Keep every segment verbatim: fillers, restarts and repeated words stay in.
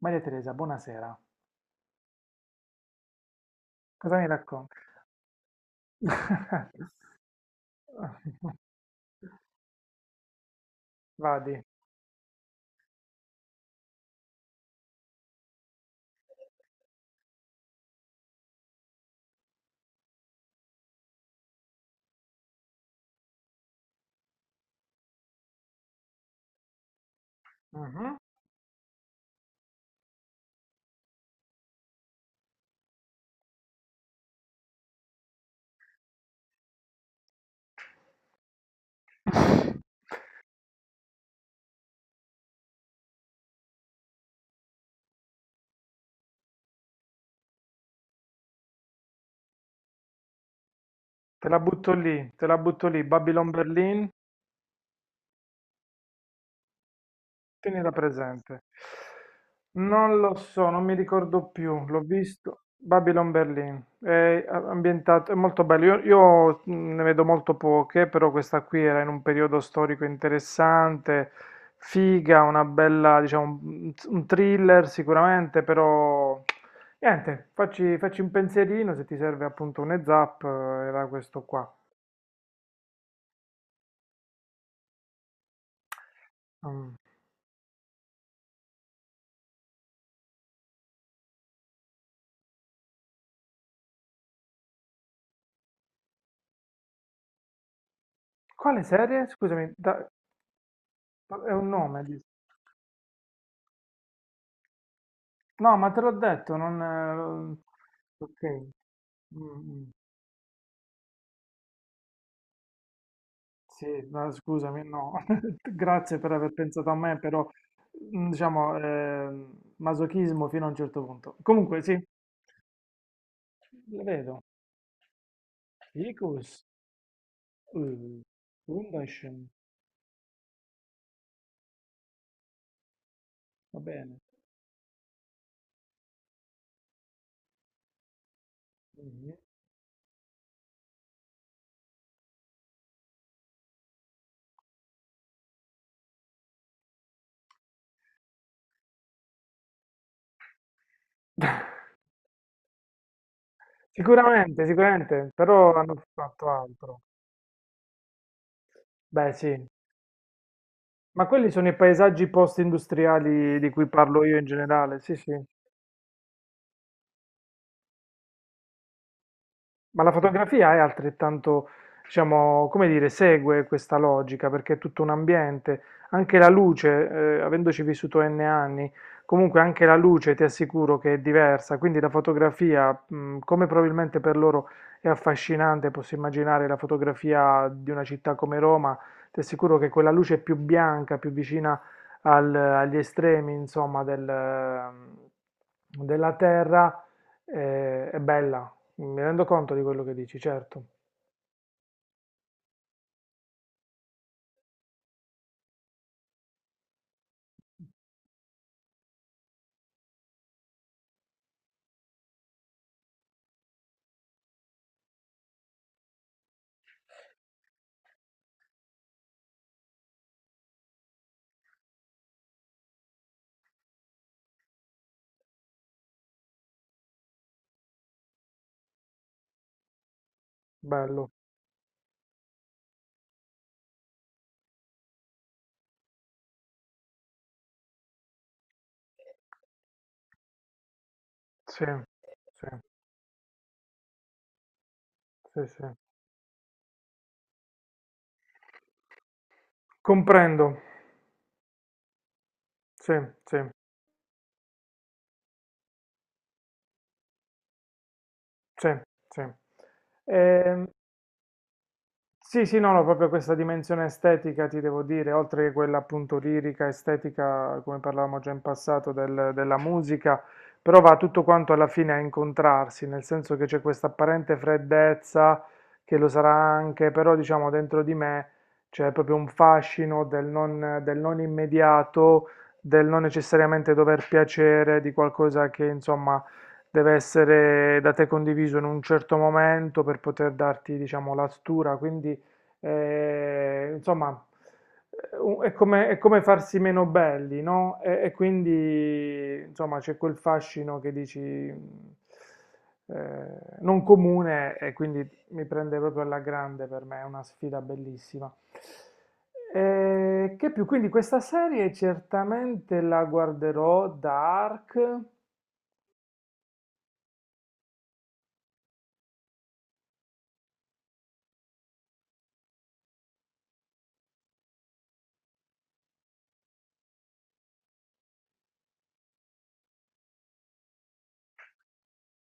Maria Teresa, buonasera. Cosa mi racconti? Vadi. Mhm. Te la butto lì, te la butto lì. Babylon Berlin. Tenila presente. Non lo so, non mi ricordo più, l'ho visto. Babylon Berlin, è ambientato, è molto bello. Io, io, mh, ne vedo molto poche, però questa qui era in un periodo storico interessante, figa, una bella, diciamo, un un thriller sicuramente, però niente, facci, facci un pensierino se ti serve appunto un heads up, eh, era questo qua. Mm. Quale serie? Scusami, da- è un nome. Dici? No, ma te l'ho detto, non... eh, Ok. Mm, mm. Sì, no, scusami, no. Grazie per aver pensato a me, però mm, diciamo ehm, masochismo fino a un certo punto. Comunque, sì, lo vedo. Ficus, uh, Wunderschön, va bene. Mhm. Sicuramente, sicuramente, però hanno fatto altro. Beh, sì, ma quelli sono i paesaggi post-industriali di cui parlo io in generale, sì, sì. Ma la fotografia è altrettanto, diciamo, come dire, segue questa logica perché è tutto un ambiente, anche la luce, eh, avendoci vissuto N anni, comunque anche la luce ti assicuro che è diversa, quindi la fotografia, mh, come probabilmente per loro è affascinante, posso immaginare la fotografia di una città come Roma, ti assicuro che quella luce più bianca, più vicina al- agli estremi, insomma, del, mm, della terra, eh, è bella. Mi rendo conto di quello che dici, certo. Bello. Sì, sì, sì, sì. Comprendo. Sì, sì, sì, sì. Ehm, Sì, sì, no, no, proprio questa dimensione estetica, ti devo dire, oltre che quella appunto lirica, estetica, come parlavamo già in passato, del- della musica, però va tutto quanto alla fine a incontrarsi, nel senso che c'è questa apparente freddezza, che lo sarà anche, però diciamo dentro di me c'è proprio un fascino del non, del non immediato, del non necessariamente dover piacere, di qualcosa che insomma deve essere da te condiviso in un certo momento per poter darti, diciamo, la stura, quindi eh, insomma eh, u- è come, è come farsi meno belli, no? E, e quindi insomma c'è quel fascino che dici mh, eh, non comune e quindi mi prende proprio alla grande per me, è una sfida bellissima. Eh, che più? Quindi questa serie certamente la guarderò, Dark.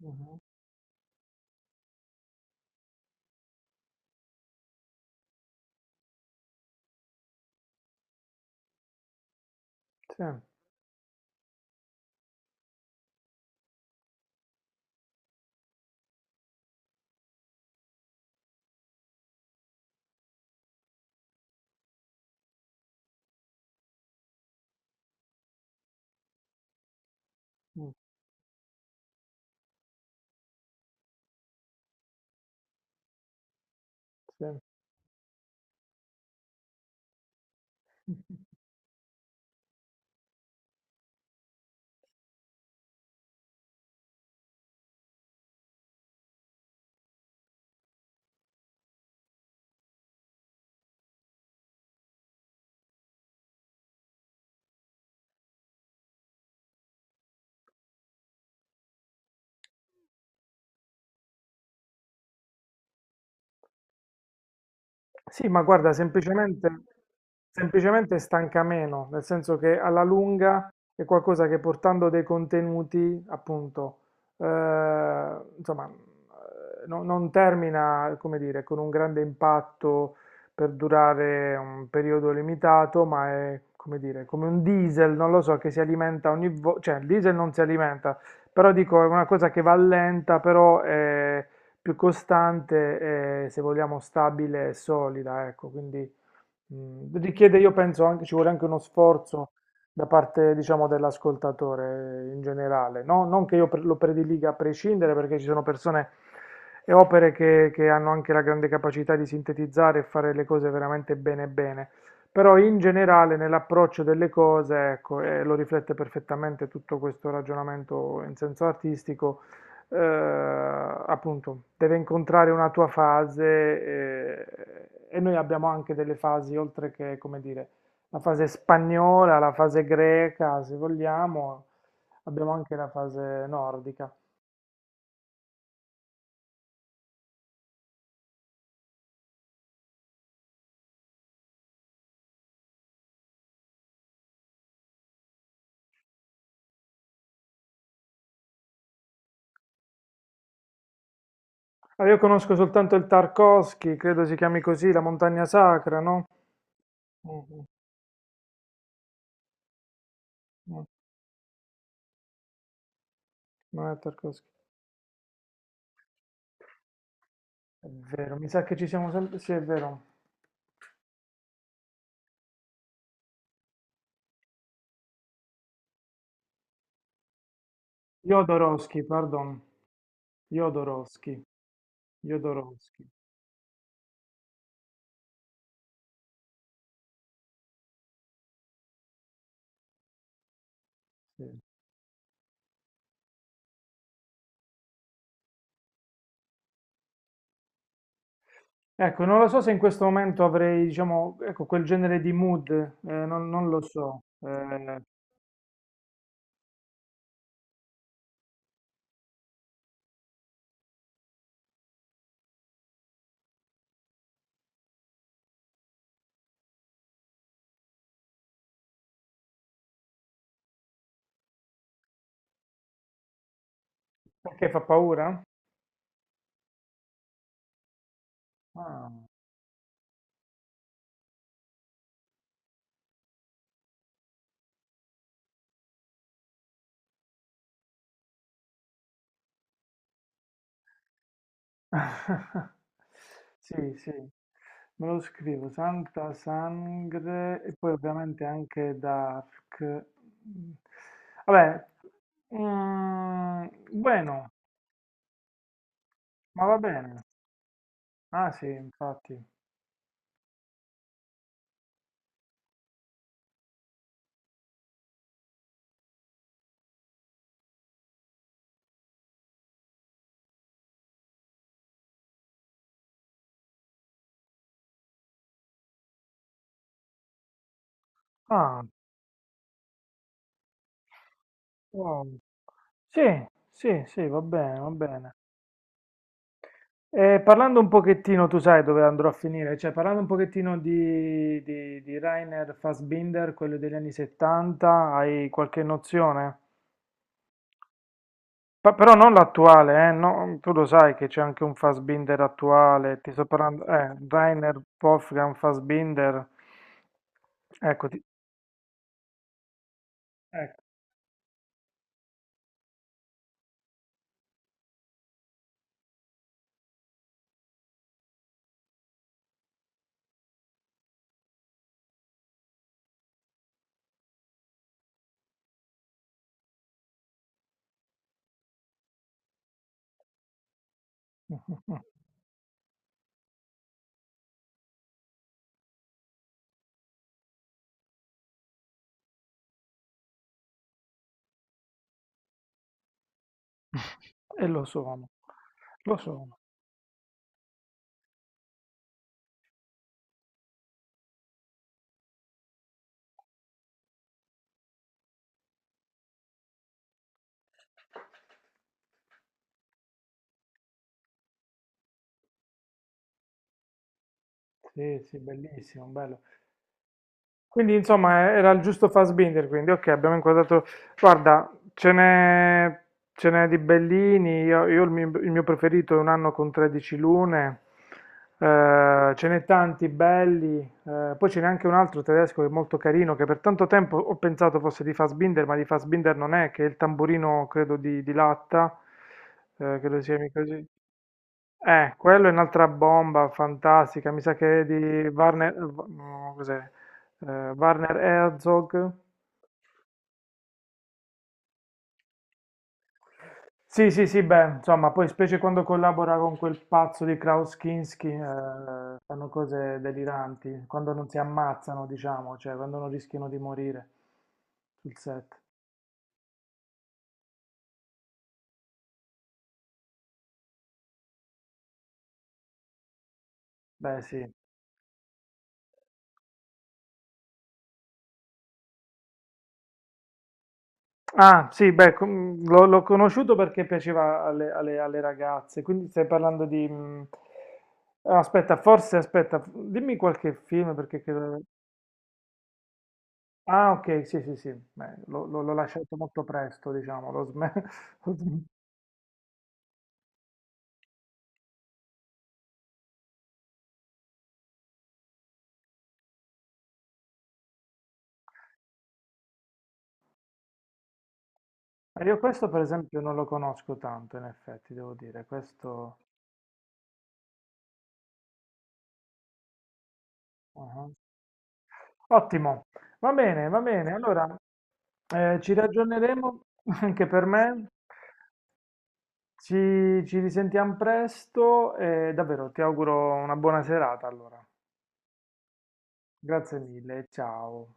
Mhm. Sì. Mm. Sì. Sì, ma guarda, semplicemente, semplicemente stanca meno, nel senso che alla lunga è qualcosa che portando dei contenuti, appunto, eh, insomma, eh, no- non termina, come dire, con un grande impatto per durare un periodo limitato, ma è, come dire, come un diesel, non lo so, che si alimenta ogni volta, cioè il diesel non si alimenta, però dico, è una cosa che va lenta, però... eh, più costante e se vogliamo stabile e solida, ecco, quindi mh, richiede, io penso, anche, ci vuole anche uno sforzo da parte, diciamo, dell'ascoltatore eh, in generale, no? Non che io pre- lo prediliga a prescindere, perché ci sono persone e opere che, che hanno anche la grande capacità di sintetizzare e fare le cose veramente bene bene. Però in generale nell'approccio delle cose, ecco, e lo riflette perfettamente tutto questo ragionamento in senso artistico, eh, appunto, deve incontrare una tua fase eh, e noi abbiamo anche delle fasi, oltre che, come dire, la fase spagnola, la fase greca, se vogliamo, abbiamo anche la fase nordica. Allora, io conosco soltanto il Tarkovsky, credo si chiami così, la montagna sacra, no? Mhm, no, non è Tarkovsky. È vero, mi sa che ci siamo sempre... Sì, è vero. Jodorowsky, pardon. Jodorowsky. Jodorowsky. Sì. Ecco, non lo so se in questo momento avrei, diciamo, ecco, quel genere di mood, eh, non, non lo so, eh, perché fa paura? Ah. Sì, sì, me lo scrivo, Santa Sangre e poi ovviamente anche Dark. Mm. Vabbè, mm, bueno, ma va bene. Ah sì, infatti. Ah, wow. Sì, sì, sì, va bene, va bene. Eh, parlando un pochettino, tu sai dove andrò a finire, cioè parlando un pochettino di, di, di Rainer Fassbinder, quello degli anni settanta, hai qualche nozione? Pa- però non l'attuale, eh, no, tu lo sai che c'è anche un Fassbinder attuale, ti sto parlando, eh, Rainer Wolfgang Fassbinder, ecco, ti- ecco. E lo sono, lo sono. Sì, sì, bellissimo, bello. Quindi insomma era il giusto Fassbinder, quindi ok, abbiamo inquadrato. Guarda, ce n'è ce n'è di bellini, io, io il mio, il mio preferito è Un anno con tredici lune, eh, ce n'è tanti belli, eh, poi ce n'è anche un altro tedesco che è molto carino, che per tanto tempo ho pensato fosse di Fassbinder, ma di Fassbinder non è, che è il tamburino credo di, di latta, eh, credo si chiami così. Eh, quello è un'altra bomba fantastica, mi sa che è di Warner, no, cos'è? Eh, Warner Herzog. Sì, sì, sì, beh, insomma, poi specie quando collabora con quel pazzo di Klaus Kinski, eh, fanno cose deliranti, quando non si ammazzano, diciamo, cioè quando non rischiano di morire sul set. Beh, sì. Ah, sì, beh, com- l'ho l'ho conosciuto perché piaceva alle, alle- alle ragazze, quindi stai parlando di... mm, Aspetta, forse, aspetta, dimmi qualche film perché credo... Ah, ok, sì, sì, sì, beh, l'ho l'ho- l'ho lasciato molto presto, diciamo, l'ho sme- l'ho sm- Eh, Io questo, per esempio, non lo conosco tanto, in effetti, devo dire, questo... ah. Ottimo, va bene, va bene, allora eh, ci ragioneremo anche per me. Ci, ci risentiamo presto e davvero ti auguro una buona serata allora. Grazie mille, ciao.